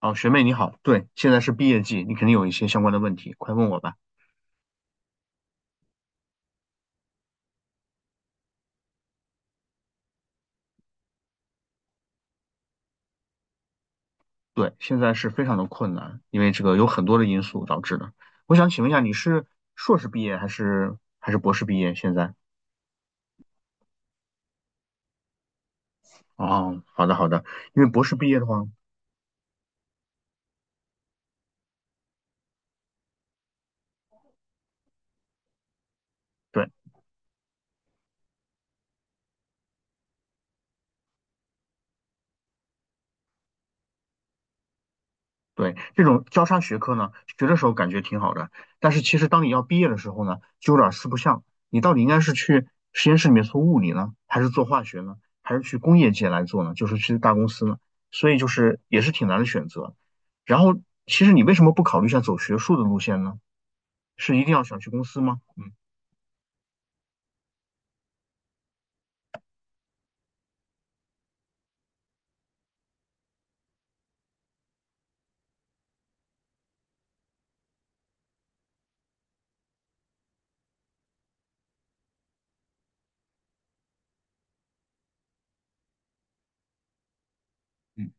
哦，学妹你好，对，现在是毕业季，你肯定有一些相关的问题，快问我吧。对，现在是非常的困难，因为这个有很多的因素导致的。我想请问一下，你是硕士毕业还是博士毕业？现在？哦，好的好的，因为博士毕业的话，对。对，这种交叉学科呢，学的时候感觉挺好的，但是其实当你要毕业的时候呢，就有点四不像。你到底应该是去实验室里面做物理呢，还是做化学呢，还是去工业界来做呢？就是去大公司呢？所以就是也是挺难的选择。然后，其实你为什么不考虑一下走学术的路线呢？是一定要想去公司吗？嗯嗯。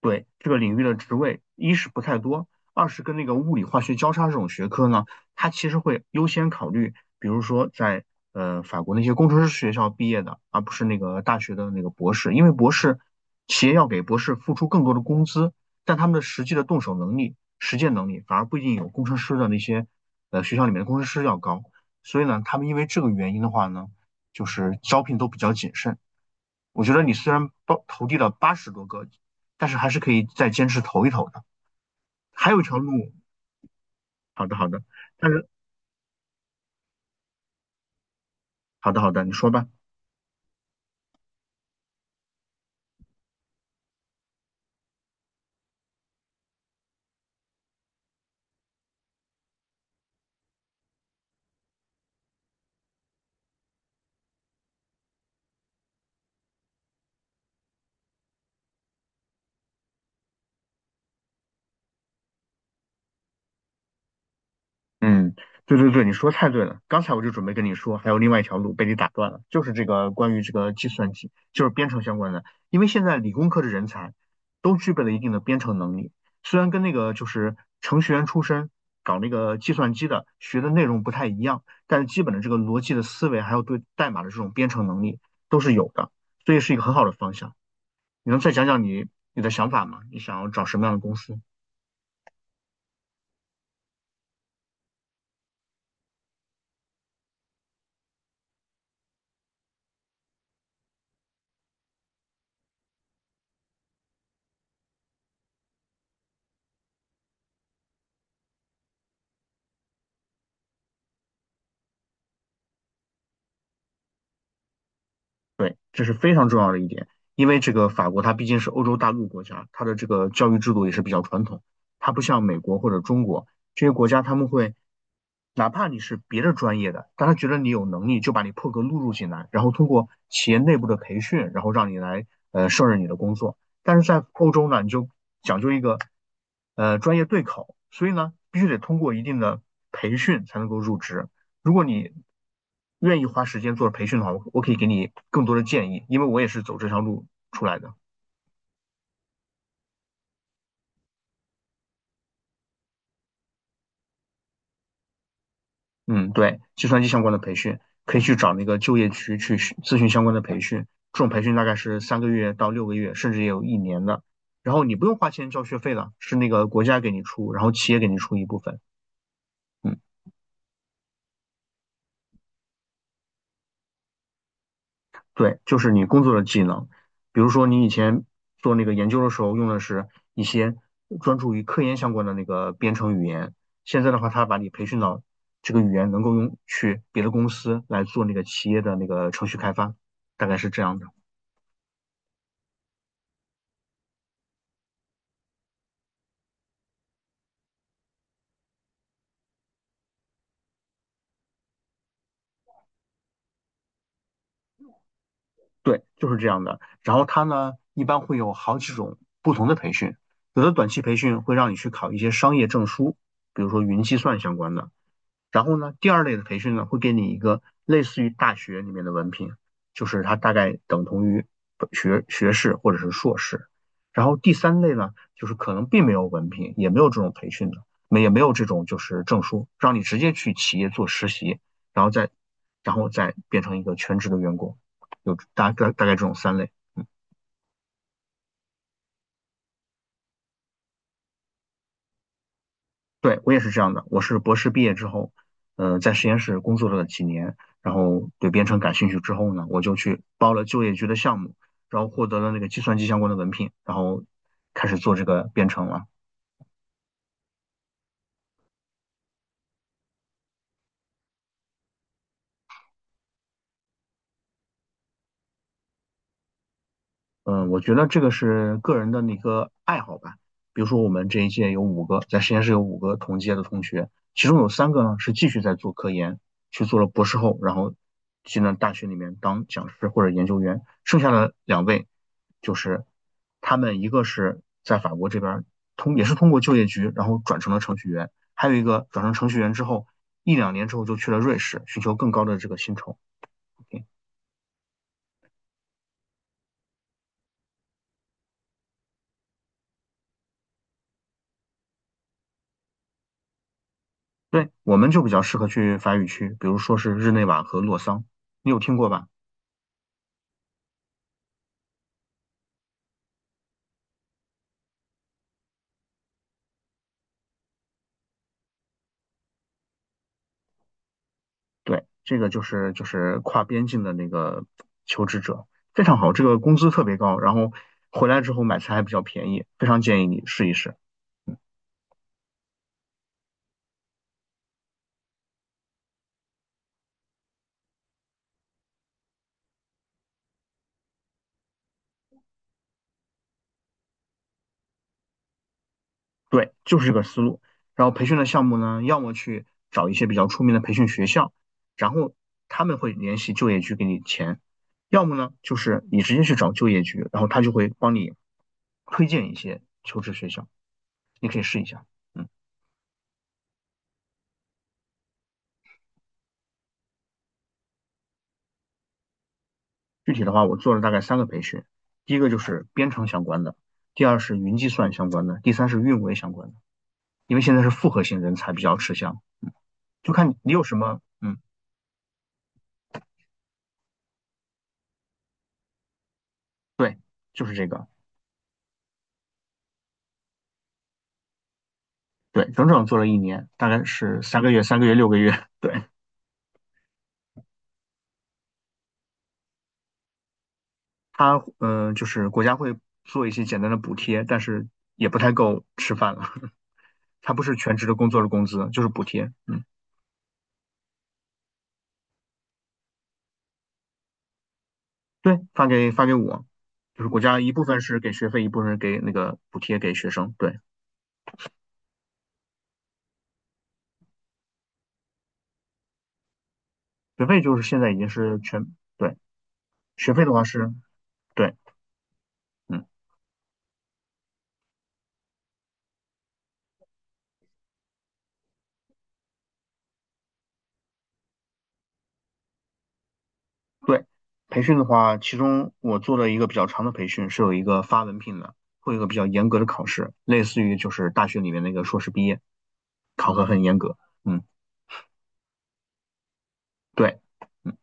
对这个领域的职位，一是不太多，二是跟那个物理、化学交叉这种学科呢，它其实会优先考虑，比如说在法国那些工程师学校毕业的，而不是那个大学的那个博士，因为博士企业要给博士付出更多的工资，但他们的实际的动手能力、实践能力反而不一定有工程师的那些学校里面的工程师要高，所以呢，他们因为这个原因的话呢，就是招聘都比较谨慎。我觉得你虽然投递了80多个，但是还是可以再坚持投一投的。还有一条路，好的好的，但是好的好的，你说吧。嗯，对对对，你说太对了。刚才我就准备跟你说，还有另外一条路被你打断了，就是这个关于这个计算机，就是编程相关的。因为现在理工科的人才都具备了一定的编程能力，虽然跟那个就是程序员出身搞那个计算机的学的内容不太一样，但是基本的这个逻辑的思维，还有对代码的这种编程能力都是有的，所以是一个很好的方向。你能再讲讲你的想法吗？你想要找什么样的公司？对，这是非常重要的一点，因为这个法国它毕竟是欧洲大陆国家，它的这个教育制度也是比较传统，它不像美国或者中国这些国家，他们会哪怕你是别的专业的，但他觉得你有能力，就把你破格录入进来，然后通过企业内部的培训，然后让你来胜任你的工作。但是在欧洲呢，你就讲究一个专业对口，所以呢，必须得通过一定的培训才能够入职。如果你愿意花时间做培训的话，我可以给你更多的建议，因为我也是走这条路出来的。嗯，对，计算机相关的培训，可以去找那个就业区去咨询相关的培训。这种培训大概是3个月到6个月，甚至也有一年的。然后你不用花钱交学费的，是那个国家给你出，然后企业给你出一部分。嗯，对，就是你工作的技能，比如说你以前做那个研究的时候用的是一些专注于科研相关的那个编程语言，现在的话，他把你培训到这个语言能够用去别的公司来做那个企业的那个程序开发，大概是这样的。对，就是这样的。然后它呢，一般会有好几种不同的培训，有的短期培训会让你去考一些商业证书，比如说云计算相关的。然后呢，第二类的培训呢，会给你一个类似于大学里面的文凭，就是它大概等同于学士或者是硕士。然后第三类呢，就是可能并没有文凭，也没有这种培训的，没也没有这种就是证书，让你直接去企业做实习，然后再变成一个全职的员工，有大概这种三类。对，我也是这样的，我是博士毕业之后，在实验室工作了几年，然后对编程感兴趣之后呢，我就去报了就业局的项目，然后获得了那个计算机相关的文凭，然后开始做这个编程了。嗯，我觉得这个是个人的那个爱好吧。比如说，我们这一届有五个，在实验室有五个同届的同学，其中有三个呢是继续在做科研，去做了博士后，然后进了大学里面当讲师或者研究员。剩下的2位就是他们一个是在法国这边也是通过就业局，然后转成了程序员，还有一个转成程序员之后一两年之后就去了瑞士，寻求更高的这个薪酬。OK 对，我们就比较适合去法语区，比如说是日内瓦和洛桑，你有听过吧？对，这个就是跨边境的那个求职者，非常好，这个工资特别高，然后回来之后买菜还比较便宜，非常建议你试一试。对，就是这个思路。然后培训的项目呢，要么去找一些比较出名的培训学校，然后他们会联系就业局给你钱；要么呢，就是你直接去找就业局，然后他就会帮你推荐一些求职学校，你可以试一下。嗯，具体的话，我做了大概3个培训，第一个就是编程相关的，第二是云计算相关的，第三是运维相关的。因为现在是复合型人才比较吃香，就看你有什么，嗯，对，就是这个。对，整整做了一年，大概是3个月、3个月、6个月。对，就是国家会做一些简单的补贴，但是也不太够吃饭了。他不是全职的工作的工资，就是补贴。嗯，对，发给我，就是国家一部分是给学费，一部分是给那个补贴给学生。对，学费就是现在已经是全，对，学费的话是，对，嗯。对，培训的话，其中我做了一个比较长的培训，是有一个发文凭的，会有一个比较严格的考试，类似于就是大学里面那个硕士毕业，考核很严格。嗯，对，嗯，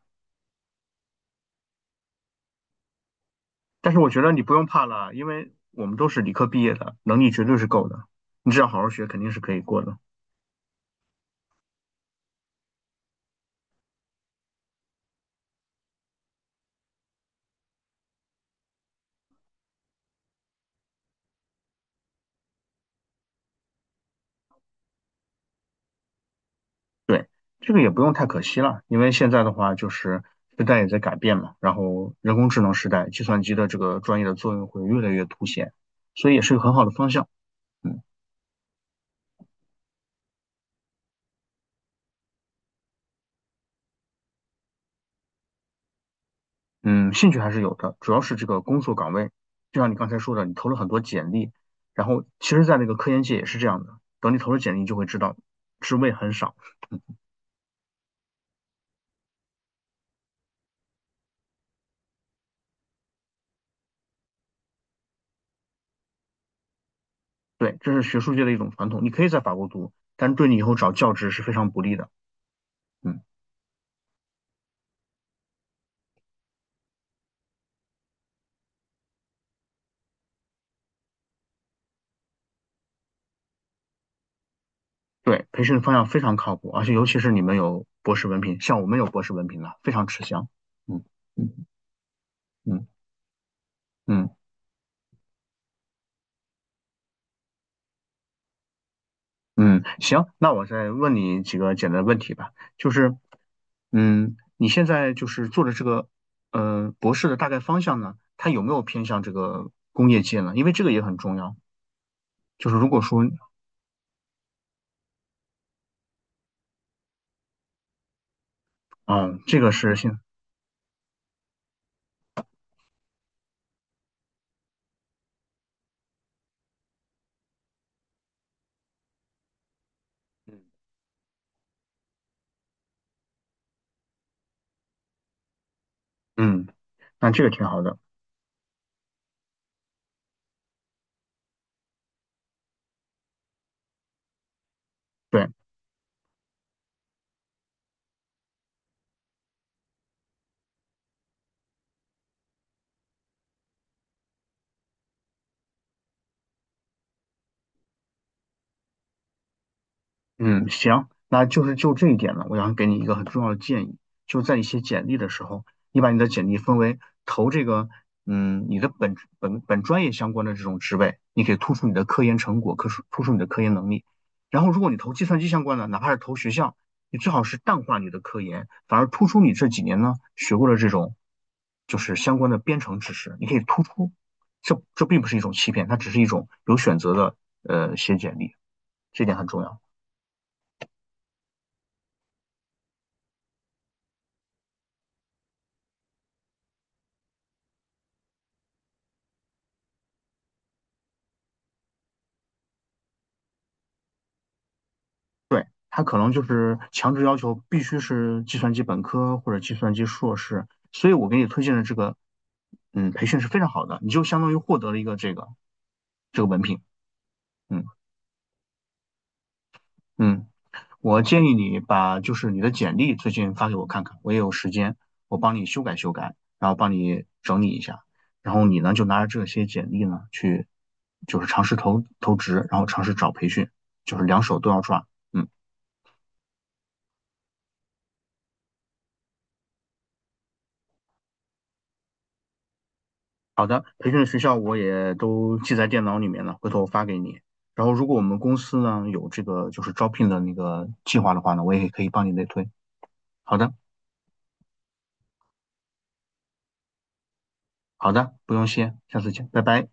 但是我觉得你不用怕了，因为我们都是理科毕业的，能力绝对是够的，你只要好好学，肯定是可以过的。对，这个也不用太可惜了，因为现在的话就是时代也在改变嘛，然后人工智能时代，计算机的这个专业的作用会越来越凸显，所以也是个很好的方向。嗯。嗯，兴趣还是有的，主要是这个工作岗位，就像你刚才说的，你投了很多简历，然后其实，在那个科研界也是这样的，等你投了简历，你就会知道职位很少。对，这是学术界的一种传统。你可以在法国读，但是对你以后找教职是非常不利的。嗯，对，培训方向非常靠谱，而且尤其是你们有博士文凭，像我们有博士文凭的，非常吃香。嗯嗯。嗯嗯。嗯，行，那我再问你几个简单的问题吧，就是，嗯，你现在就是做的这个，呃，博士的大概方向呢，它有没有偏向这个工业界呢？因为这个也很重要。就是如果说，嗯，这个是现，嗯，嗯，那这个挺好的。对。嗯，行，那就是就这一点呢，我想给你一个很重要的建议，就在你写简历的时候，你把你的简历分为投这个，嗯，你的本专业相关的这种职位，你可以突出你的科研成果，突出你的科研能力。然后，如果你投计算机相关的，哪怕是投学校，你最好是淡化你的科研，反而突出你这几年呢学过的这种，就是相关的编程知识，你可以突出。这并不是一种欺骗，它只是一种有选择的写简历，这点很重要。他可能就是强制要求必须是计算机本科或者计算机硕士，所以我给你推荐的这个，嗯，培训是非常好的，你就相当于获得了一个这个文凭，嗯嗯，我建议你把就是你的简历最近发给我看看，我也有时间，我帮你修改修改，然后帮你整理一下，然后你呢就拿着这些简历呢去，就是尝试投投职，然后尝试找培训，就是两手都要抓，嗯。培训的学校我也都记在电脑里面了，回头我发给你。然后如果我们公司呢有这个就是招聘的那个计划的话呢，我也可以帮你内推。好的，好的，不用谢，下次见，拜拜。